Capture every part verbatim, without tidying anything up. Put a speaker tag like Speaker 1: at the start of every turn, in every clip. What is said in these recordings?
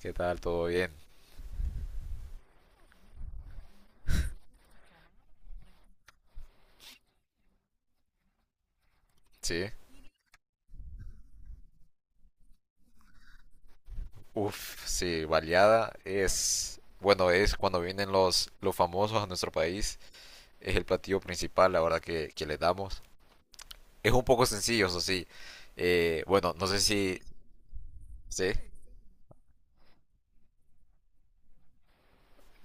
Speaker 1: ¿Qué tal? ¿Todo bien? Sí. Uf, sí, baleada es, bueno, es cuando vienen los, los famosos a nuestro país, es el platillo principal, la verdad, que, que le damos. Es un poco sencillo, eso sí. Eh, bueno, no sé si... Sí,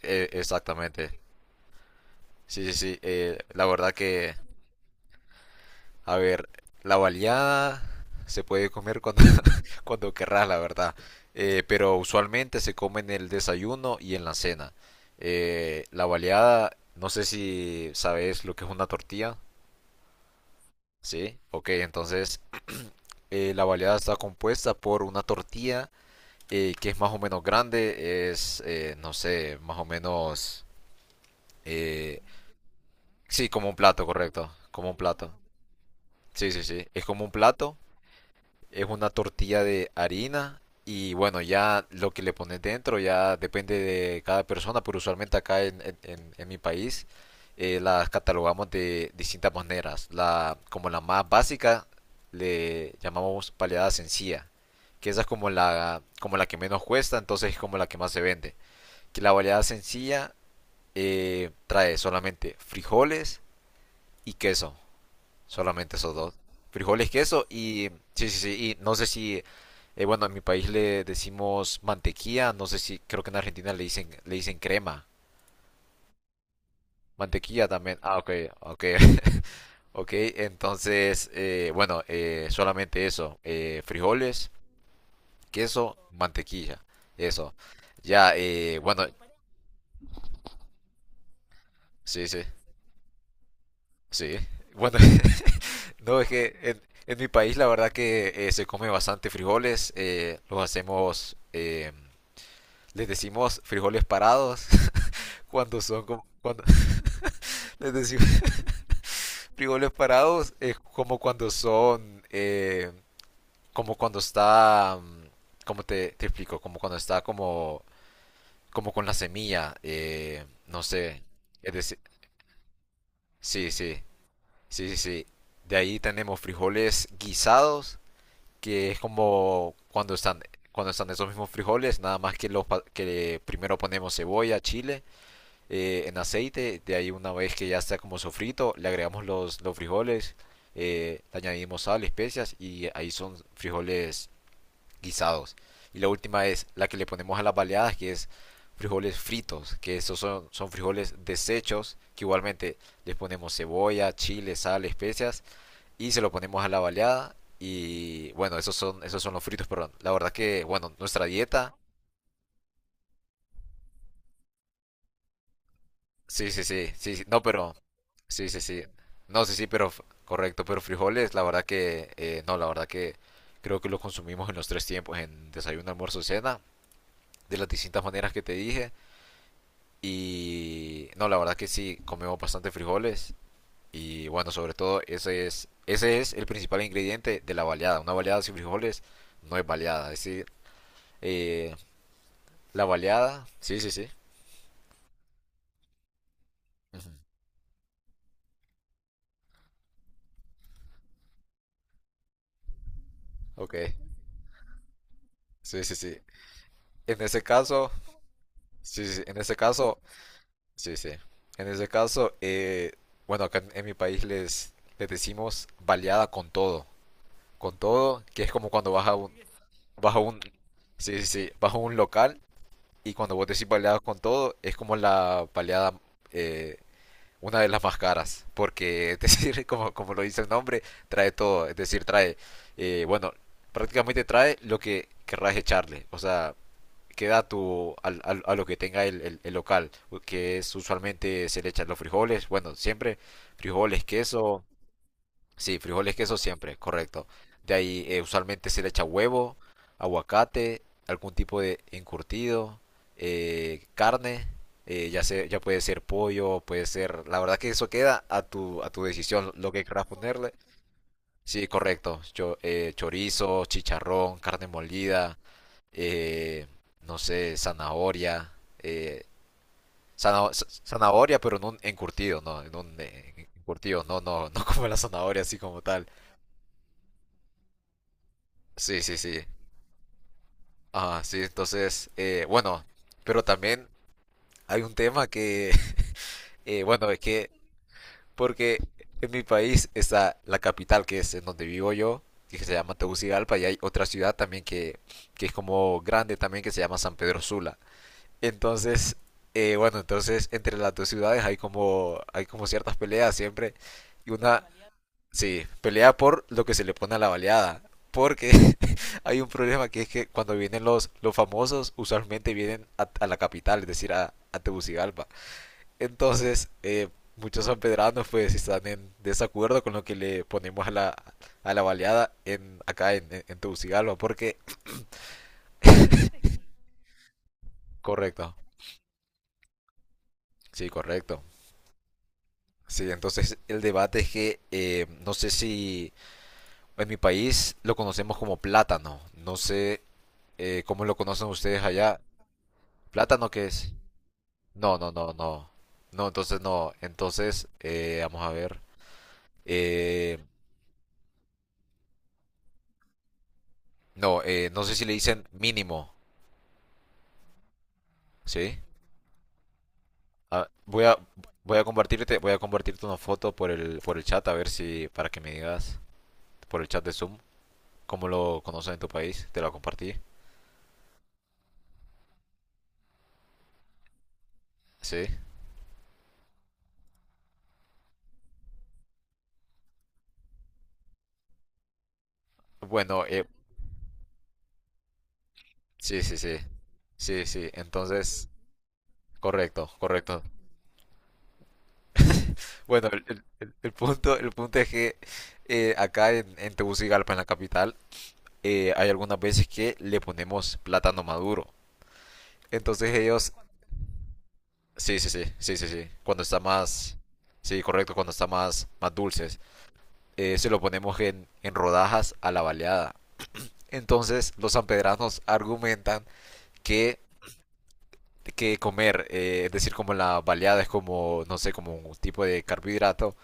Speaker 1: eh, exactamente. Sí, sí, sí. Eh, la verdad que, a ver, la baleada se puede comer cuando, cuando querrás, la verdad. Eh, pero usualmente se come en el desayuno y en la cena. Eh, la baleada, no sé si sabes lo que es una tortilla, ¿sí? Ok, entonces eh, la baleada está compuesta por una tortilla eh, que es más o menos grande, es, eh, no sé, más o menos... eh, sí, como un plato, correcto, como un plato. Sí, sí, sí, es como un plato. Es una tortilla de harina y bueno, ya lo que le pones dentro ya depende de cada persona, pero usualmente acá en, en- en- en mi país eh, las catalogamos de distintas maneras. La, como la más básica le llamamos paleada sencilla, que esa es como la, como la que menos cuesta, entonces es como la que más se vende. Que la paleada sencilla eh, trae solamente frijoles y queso. Solamente esos dos. Frijoles, queso y... Sí, sí, sí. Y no sé si... eh, Bueno, en mi país le decimos mantequilla. No sé si... Creo que en Argentina le dicen, le dicen crema. Mantequilla también. Ah, ok, ok. Ok, entonces... eh, bueno, eh, solamente eso. Eh, frijoles, queso, mantequilla. Eso. Ya, eh, bueno... Sí, sí, sí. Bueno, no, es que en, en mi país la verdad que eh, se come bastante frijoles. Eh, los hacemos... eh, les decimos frijoles parados cuando son como cuando les decimos frijoles parados es como cuando son eh, como cuando está como te, te explico como cuando está como como con la semilla eh, no sé, es decir, sí sí, sí sí sí, de ahí tenemos frijoles guisados que es como cuando están, cuando están esos mismos frijoles nada más que los pa- que primero ponemos cebolla chile eh, en aceite. De ahí una vez que ya está como sofrito, le agregamos los, los frijoles, eh, le añadimos sal, especias y ahí son frijoles guisados. Y la última es la que le ponemos a las baleadas, que es frijoles fritos, que estos son, son frijoles desechos, que igualmente les ponemos cebolla, chile, sal, especias y se lo ponemos a la baleada. Y bueno, esos son, esos son los fritos, perdón, la verdad que, bueno, nuestra dieta, sí, sí, sí, sí, sí, no, pero sí, sí, sí. No, sí, sí, pero f- correcto, pero frijoles, la verdad que eh, no, la verdad que creo que lo consumimos en los tres tiempos, en desayuno, almuerzo, cena, de las distintas maneras que te dije. Y no, la verdad que sí, comemos bastante frijoles y bueno, sobre todo ese es, ese es el principal ingrediente de la baleada. Una baleada sin frijoles no es baleada, es decir, eh, la baleada, sí, sí, sí. Ujú. Ok, sí, sí, sí. En ese caso, sí, sí, en ese caso, sí, sí. En ese caso, eh, bueno, acá en, en mi país les, les decimos baleada con todo. Con todo, que es como cuando vas a un, vas a un, sí, sí, sí, vas a un local y cuando vos decís baleada con todo, es como la baleada, eh, una de las más caras. Porque, es decir, como, como lo dice el nombre, trae todo. Es decir, trae, eh, bueno, prácticamente trae lo que querrás echarle. O sea, queda a, tu, al- al- a lo que tenga el, el- el local, que es usualmente se le echan los frijoles, bueno, siempre frijoles, queso, sí, frijoles, queso siempre, correcto. De ahí eh, usualmente se le echa huevo, aguacate, algún tipo de encurtido, eh, carne, eh, ya se- ya puede ser pollo, puede ser, la verdad que eso queda a tu, a tu decisión, lo que quieras ponerle. Sí, correcto, yo, eh, chorizo, chicharrón, carne molida, eh, no sé, zanahoria, eh, zana- z- zanahoria pero en un encurtido, no, en un eh, encurtido, no, no, no como la zanahoria así como tal. Sí, sí, sí. Ah, sí, entonces, eh, bueno, pero también hay un tema que, eh, bueno, es que, porque en mi país está la capital que es en donde vivo yo, que se llama Tegucigalpa, y hay otra ciudad también que, que es como grande también que se llama San Pedro Sula. Entonces, eh, bueno, entonces entre las dos ciudades hay como, hay como ciertas peleas siempre. Y una, sí, pelea por lo que se le pone a la baleada. Porque hay un problema que es que cuando vienen los, los famosos, usualmente vienen a, a la capital, es decir, a, a Tegucigalpa. Entonces, eh, muchos sanpedranos pues están en desacuerdo con lo que le ponemos a la, a la baleada en, acá en, en, en Tegucigalpa. Porque, correcto, sí, correcto. Sí, entonces el debate es que eh, no sé si en mi país lo conocemos como plátano. No sé eh, cómo lo conocen ustedes allá. ¿Plátano qué es? No, no, no, no. No, entonces no. Entonces, eh, vamos a ver. Eh, no, eh, no sé si le dicen mínimo, ¿sí? Ah, voy a, voy a compartirte, voy a compartirte una foto por el, por el chat a ver si, para que me digas, por el chat de Zoom, cómo lo conocen en tu país. Te lo compartí, ¿sí? Bueno, eh, sí, sí, sí. Sí, sí. Entonces, correcto, correcto. Bueno, el, el- el- el punto, el punto es que eh, acá en, en Tegucigalpa, en la capital, eh, hay algunas veces que le ponemos plátano maduro. Entonces ellos, sí, sí, sí, sí, sí, sí. Cuando está más, sí, correcto, cuando está más, más dulces, eh, se lo ponemos en, en rodajas a la baleada. Entonces, los sanpedranos argumentan que que comer, eh, es decir, como la baleada es como, no sé, como un tipo de carbohidrato,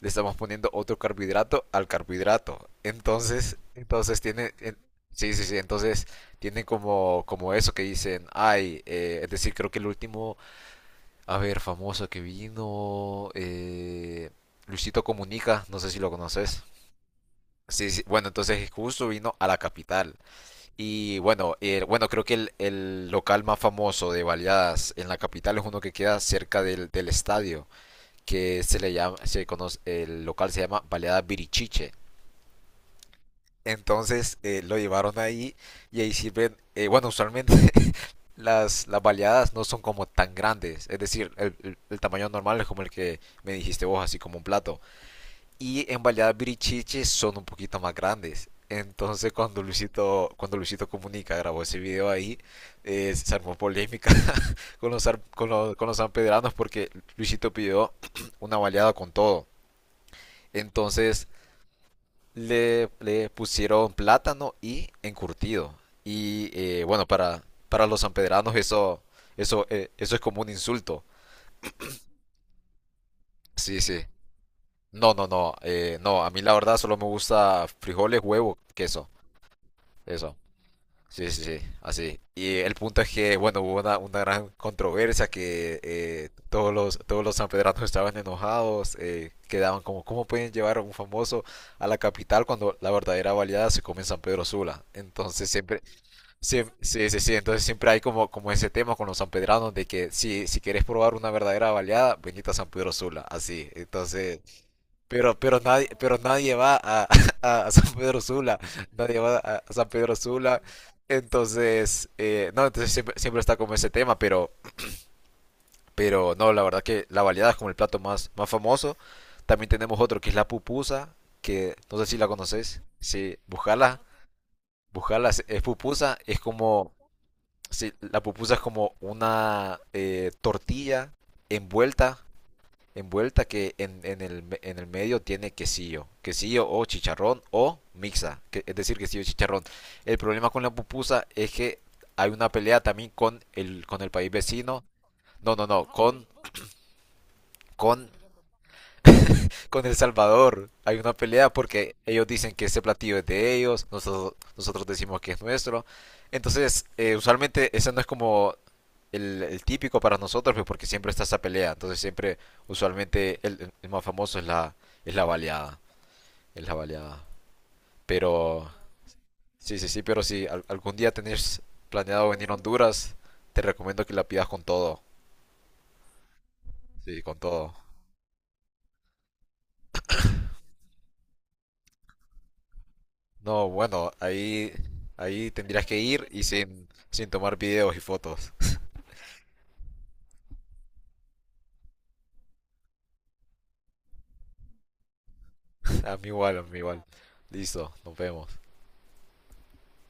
Speaker 1: le estamos poniendo otro carbohidrato al carbohidrato. Entonces, entonces tiene, en- sí, sí, sí, entonces tienen como, como eso que dicen, ay, eh, es decir, creo que el último, a ver, famoso que vino, eh, Luisito Comunica, no sé si lo conoces. Sí, sí, bueno, entonces justo vino a la capital. Y bueno, eh, bueno, creo que el, el local más famoso de baleadas en la capital es uno que queda cerca del, del estadio, que se le llama, se conoce, el local se llama Baleadas Virichiche. Entonces eh, lo llevaron ahí y ahí sirven, eh, bueno, usualmente las, las baleadas no son como tan grandes, es decir, el, el- el tamaño normal es como el que me dijiste vos, así como un plato, y en Baleadas Birichiche son un poquito más grandes. Entonces cuando Luisito, cuando Luisito Comunica grabó ese video ahí, eh, se armó polémica con los, ar- con los, con los sanpedranos porque Luisito pidió una baleada con todo. Entonces le, le pusieron plátano y encurtido. Y eh, bueno, para, para los sanpedranos eso, eso, eh, eso es como un insulto. Sí, sí. No, no, no. Eh, no, a mí la verdad solo me gusta frijoles, huevo, queso. Eso. Sí, sí, sí, así. Y el punto es que, bueno, hubo una, una gran controversia que eh, todos los, todos los sanpedranos estaban enojados, eh, quedaban como, ¿cómo pueden llevar a un famoso a la capital cuando la verdadera baleada se come en San Pedro Sula? Entonces siempre, siem- sí, sí, sí, entonces siempre hay como, como ese tema con los sanpedranos de que si, si quieres probar una verdadera baleada, venite a San Pedro Sula, así. Entonces... Pero, pero nadie, pero nadie va a, a- San Pedro Sula, nadie va a, a San Pedro Sula, entonces, eh, no, entonces siempre, siempre está como ese tema, pero, pero no, la verdad que la baleada es como el plato más, más famoso. También tenemos otro que es la pupusa, que no sé si la conoces, sí, buscala, buscala, es es pupusa, es como, sí, la pupusa es como una eh, tortilla envuelta, envuelta que en, en, el, en el medio tiene quesillo, quesillo o chicharrón o mixa, que- es decir, quesillo y chicharrón. El problema con la pupusa es que hay una pelea también con el, con el país vecino, no, no, no, con, con con El Salvador hay una pelea porque ellos dicen que ese platillo es de ellos, nosotros, nosotros decimos que es nuestro. Entonces, eh, usualmente ese no es como el, el típico para nosotros, pues, porque siempre está esa pelea. Entonces, siempre, usualmente, el, el más famoso es la, es la baleada. Es la baleada. Pero, sí, sí, sí, pero si al- algún día tenés planeado venir a Honduras, te recomiendo que la pidas con todo. Sí, con todo. No, bueno, ahí, ahí tendrías que ir y sin, sin tomar videos y fotos. A mí igual, a mí igual. Listo, nos vemos.